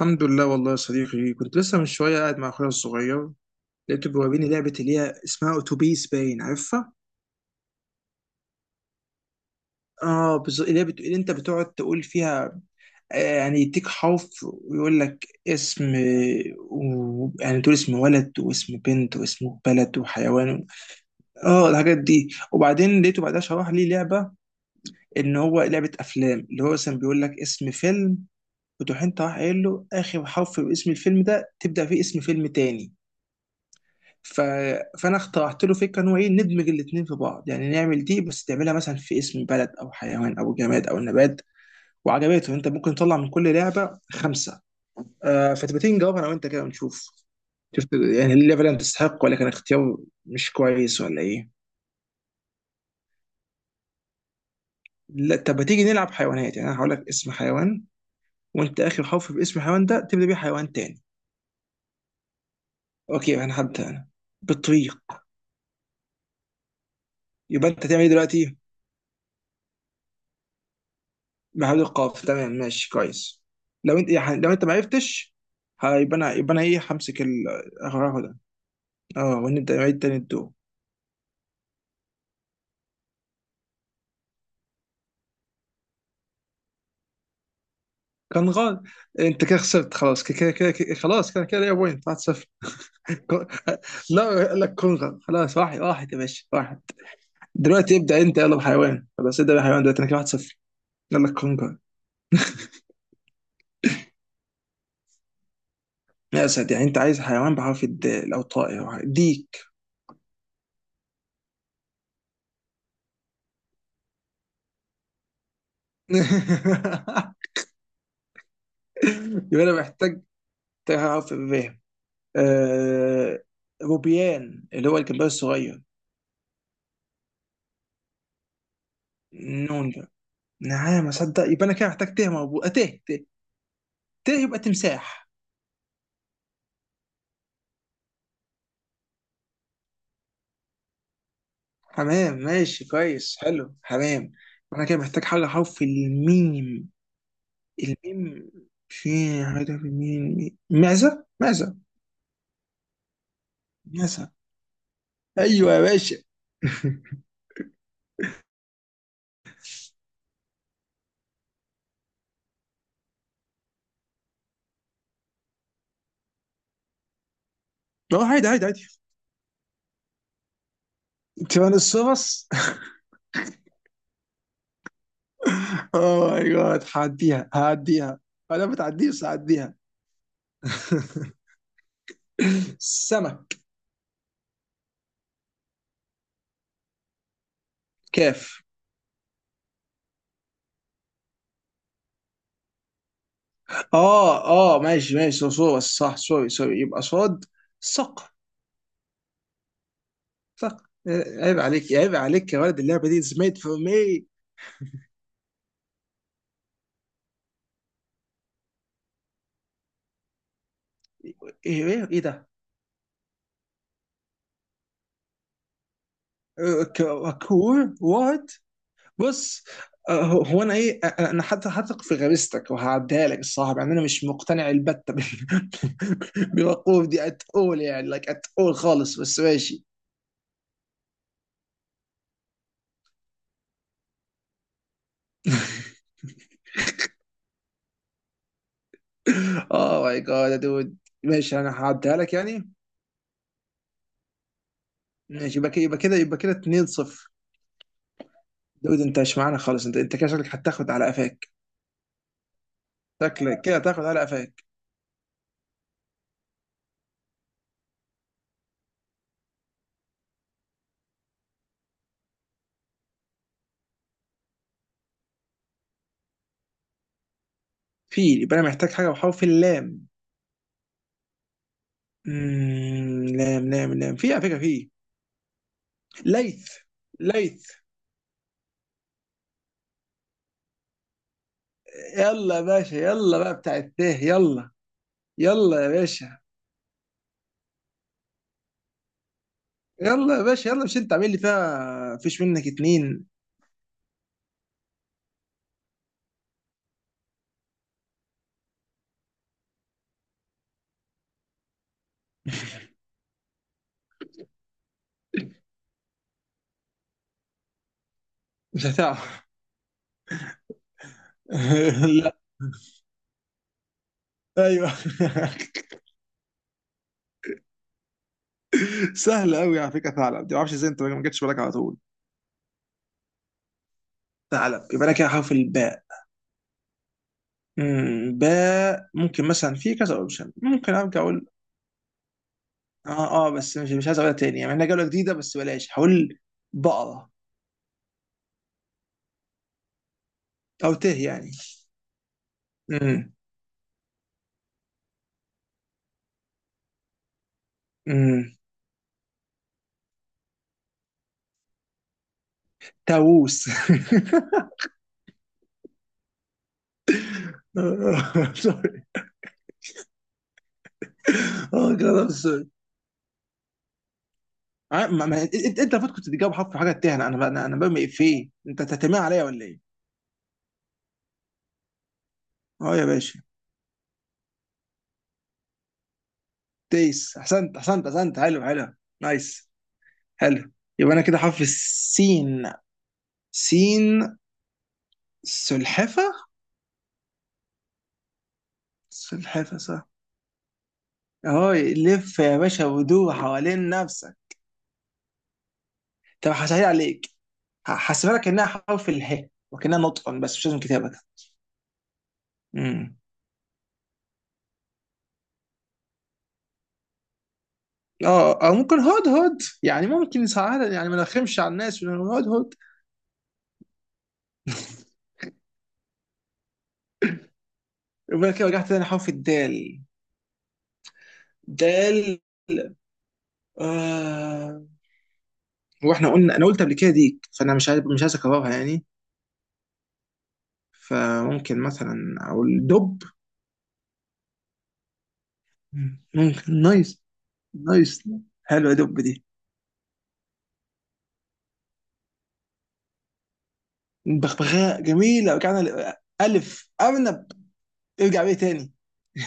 الحمد لله والله يا صديقي، كنت لسه من شويه قاعد مع اخويا الصغير. لقيته بيوريني لعبه اللي هي اسمها اتوبيس، باين عارفها. اه بالظبط، اللي هي اللي انت بتقعد تقول فيها. يعني يديك حرف ويقول لك اسم، يعني تقول اسم ولد واسم بنت واسم بلد وحيوان. اه الحاجات دي. وبعدين لقيته بعدها شرح لي لعبه، ان هو لعبه افلام، اللي هو مثلا بيقول لك اسم فيلم، وتروح انت راح قايل له اخر حرف باسم الفيلم ده تبدا فيه اسم فيلم تاني. ف... فانا اخترعت له فكره ان هو ايه، ندمج الاثنين في بعض، يعني نعمل دي بس تعملها مثلا في اسم بلد او حيوان او جماد او نبات. وعجبته. انت ممكن تطلع من كل لعبه خمسه. آه، فتبقى تيجي نجاوبها انا وانت كده ونشوف، شفت يعني اللعبه اللي تستحق، ولا كان اختيار مش كويس ولا ايه؟ لا طب ما تيجي نلعب حيوانات. يعني انا هقول لك اسم حيوان، وانت اخر حرف في اسم الحيوان ده تبدا بيه حيوان تاني. اوكي انا هبدا انا. بالطريق. يبقى انت تعمل ايه دلوقتي؟ محل القاف، تمام ماشي كويس. لو انت ما عرفتش، هيبقى انا يبقى انا ايه، همسك هاخدها. اه ونبدا نعيد تاني الدور. كان غلط. انت كده خسرت خلاص، كده ليا بوينت 1-0. لا، قال لك كونغر خلاص. واحد واحد يا باشا، واحد. دلوقتي ابدا انت، يلا بحيوان، خلاص ابدا بحيوان دلوقتي، انا كده 1-0. يلا لك كونغر. يا اسد، يعني انت عايز حيوان بحرف الدال او طائر ديك. يبقى انا محتاج، تعرف الري؟ آه، روبيان، اللي هو الجمباز الصغير. النون ده؟ نعم اصدق. يبقى انا كده محتاج تيه مربوط، تيه. تيه، يبقى تمساح. حمام ماشي كويس، حلو حمام. انا كده محتاج حاجه حرف الميم. الميم. في حاجه في الميم، معزه. معزه. ايوه يا باشا. اه عادي عادي عادي. تيران السوبس. اوه ماي جاد، هعديها هعديها. انا ما بتعديش، هعديها. سمك. كيف؟ اه اه ماشي ماشي، صح. سوري سوري، يبقى صاد. صق. صق، عيب عليك عيب عليك يا ولد، اللعبه دي is made for me. ايه ايه إيه ده؟ كور وات. بص، هو انا ايه، أنا حتى هثق في غريزتك وهعديها لك. الصراحه يعني انا مش مقتنع البتة بالوقوف دي ات اول، يعني لايك ات اول خالص، بس ماشي. اوه ماي جاد يا دود. ماشي انا هعديها لك يعني. ماشي يبقى كده، يبقى كده، يبقى كده 2-0. داود انت مش معانا خالص، انت كده شكلك هتاخد على قفاك. شكلك كده هتاخد على قفاك. فيل، يبقى انا محتاج حاجه بحرف اللام. لام في، على فكره في. ليث. ليث. يلا يا باشا، يلا بقى بتاع التاه، يلا. يلا يا باشا. يلا يا باشا يلا، مش انت عامل لي فيها فيش منك اتنين؟ مش هتعرف. لا. ايوه. سهله قوي على فكره ثعلب دي، ما اعرفش ازاي انت ما جتش بالك على طول. ثعلب، يبقى انا كده حرف الباء. باء، ممكن مثلا في كذا اوبشن، ممكن ارجع اقول. اه بس مش عايز اقولها تاني يعني، انا جوله جديده، بس بلاش هقول. بقره. او ته يعني. امم. امم. تاووس. سوري. اه جاد سوري. انت المفروض كنت تجاوب حرف حاجه تاه. انا انا انا أنا برمي افيه انت تتمع عليا ولا ايه؟ اه يا باشا. تيس، احسنت احسنت احسنت، حلو حلو. نايس. حلو. يبقى انا كده حرف السين. سين. سلحفه. سلحفة صح. اهو لف يا باشا ودور حوالين نفسك. طب هسهل عليك، هحسبها لك انها حرف اله، وكانها نطق بس مش لازم كتابة. امم اه، او ممكن هود هود، يعني ممكن يساعد، يعني ما نرخمش على الناس ونقول هود هود. يقول لك ايه، رجعت تاني حرف الدال. دال. آه. واحنا قلنا، انا قلت قبل كده ديك، فانا مش عارف مش عايز اكررها يعني. فممكن مثلا او الدب. ممكن. نايس. نايس. حلوه دب دي. بغبغاء جميلة. رجعنا ألف أرنب. ارجع بيه تاني.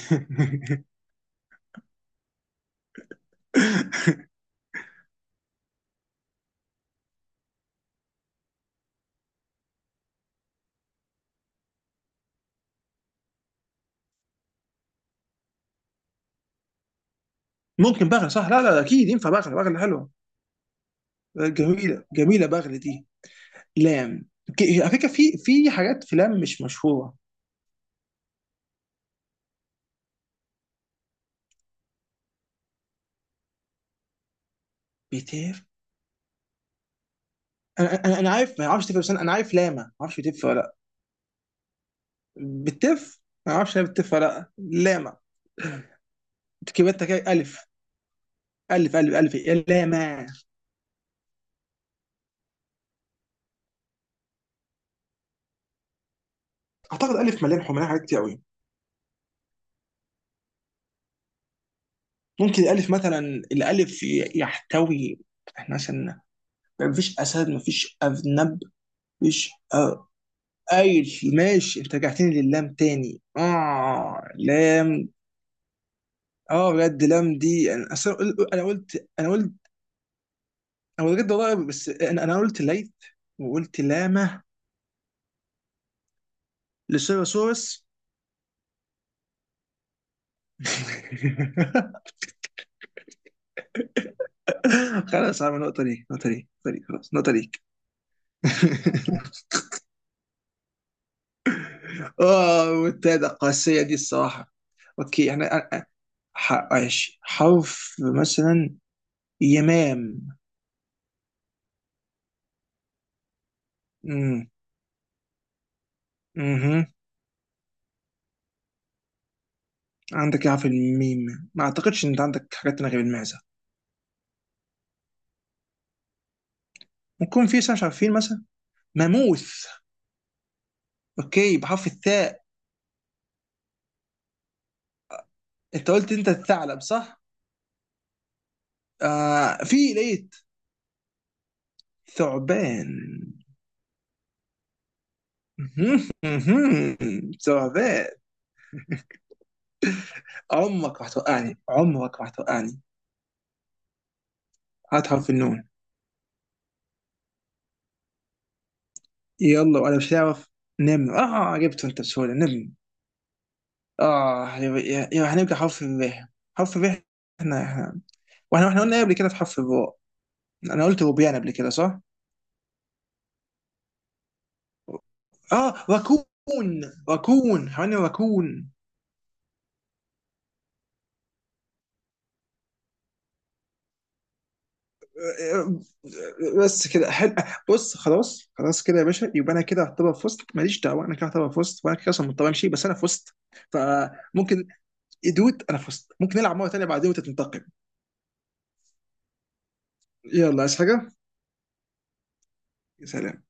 ممكن بغل صح، لا لا أكيد ينفع بغل، بغل حلوة. جميلة جميلة بغل دي. لام. على فكرة في حاجات في لام مش مشهورة. بتف. أنا عارف، ما أعرفش تف، بس أنا عارف لاما، ما أعرفش بتف ولا لأ. بتف. ما أعرفش هي بتف ولا لأ. لاما. كبرتها كده. ألف. ألف إيه؟ لاما. أعتقد ألف مليان، حمالها حاجات كتير أوي. ممكن الألف مثلا، الألف يحتوي، احنا مثلا مفيش اسد، مفيش ارنب، مفيش قايل. ماشي، انت رجعتني لللام تاني. اه لام. اه بجد لام دي، انا أصل أنا قل- انا قلت انا قلت. انا بجد والله، بس انا قلت ليث وقلت لامه. لسيروسورس. خلاص، عامل نقطة ليك نقطة ليك نقطة ليك خلاص نقطة ليك. اه والتالتة قاسية دي الصراحة. اوكي احنا، ماشي حرف مثلا، يمام. اها. عندك يا، في الميم ما اعتقدش ان انت عندك حاجات تانية غير المعزه. ممكن في اسم مش عارفين مثلا. ماموث. اوكي بحرف الثاء. انت قلت انت الثعلب صح؟ آه، في، لقيت. ثعبان. مهم، مهم. ثعبان. عمرك ما هتوقعني، عمرك ما هتوقعني. هات حرف النون. يلا وانا مش هعرف. نمر، اه جبته انت بسهوله، نمر. اه، يبقى هنبقى حرف الراء. حرف الراء. احنا واحنا قلنا إيه قبل كده في حرف الراء؟ انا قلت بوبيان قبل كده صح؟ اه وكون. وكون حيوان، وكون. آه، آه، بس كده حلو. بص خلاص، خلاص كده يا باشا، يبقى انا كده اعتبر فزت، ماليش دعوه. انا كده اعتبر فزت، وانا كده اصلا مضطر امشي، بس انا فزت. فممكن، يدود انا فزت، ممكن نلعب مره تانيه بعدين وتنتقم. يلا عايز حاجه. سلام.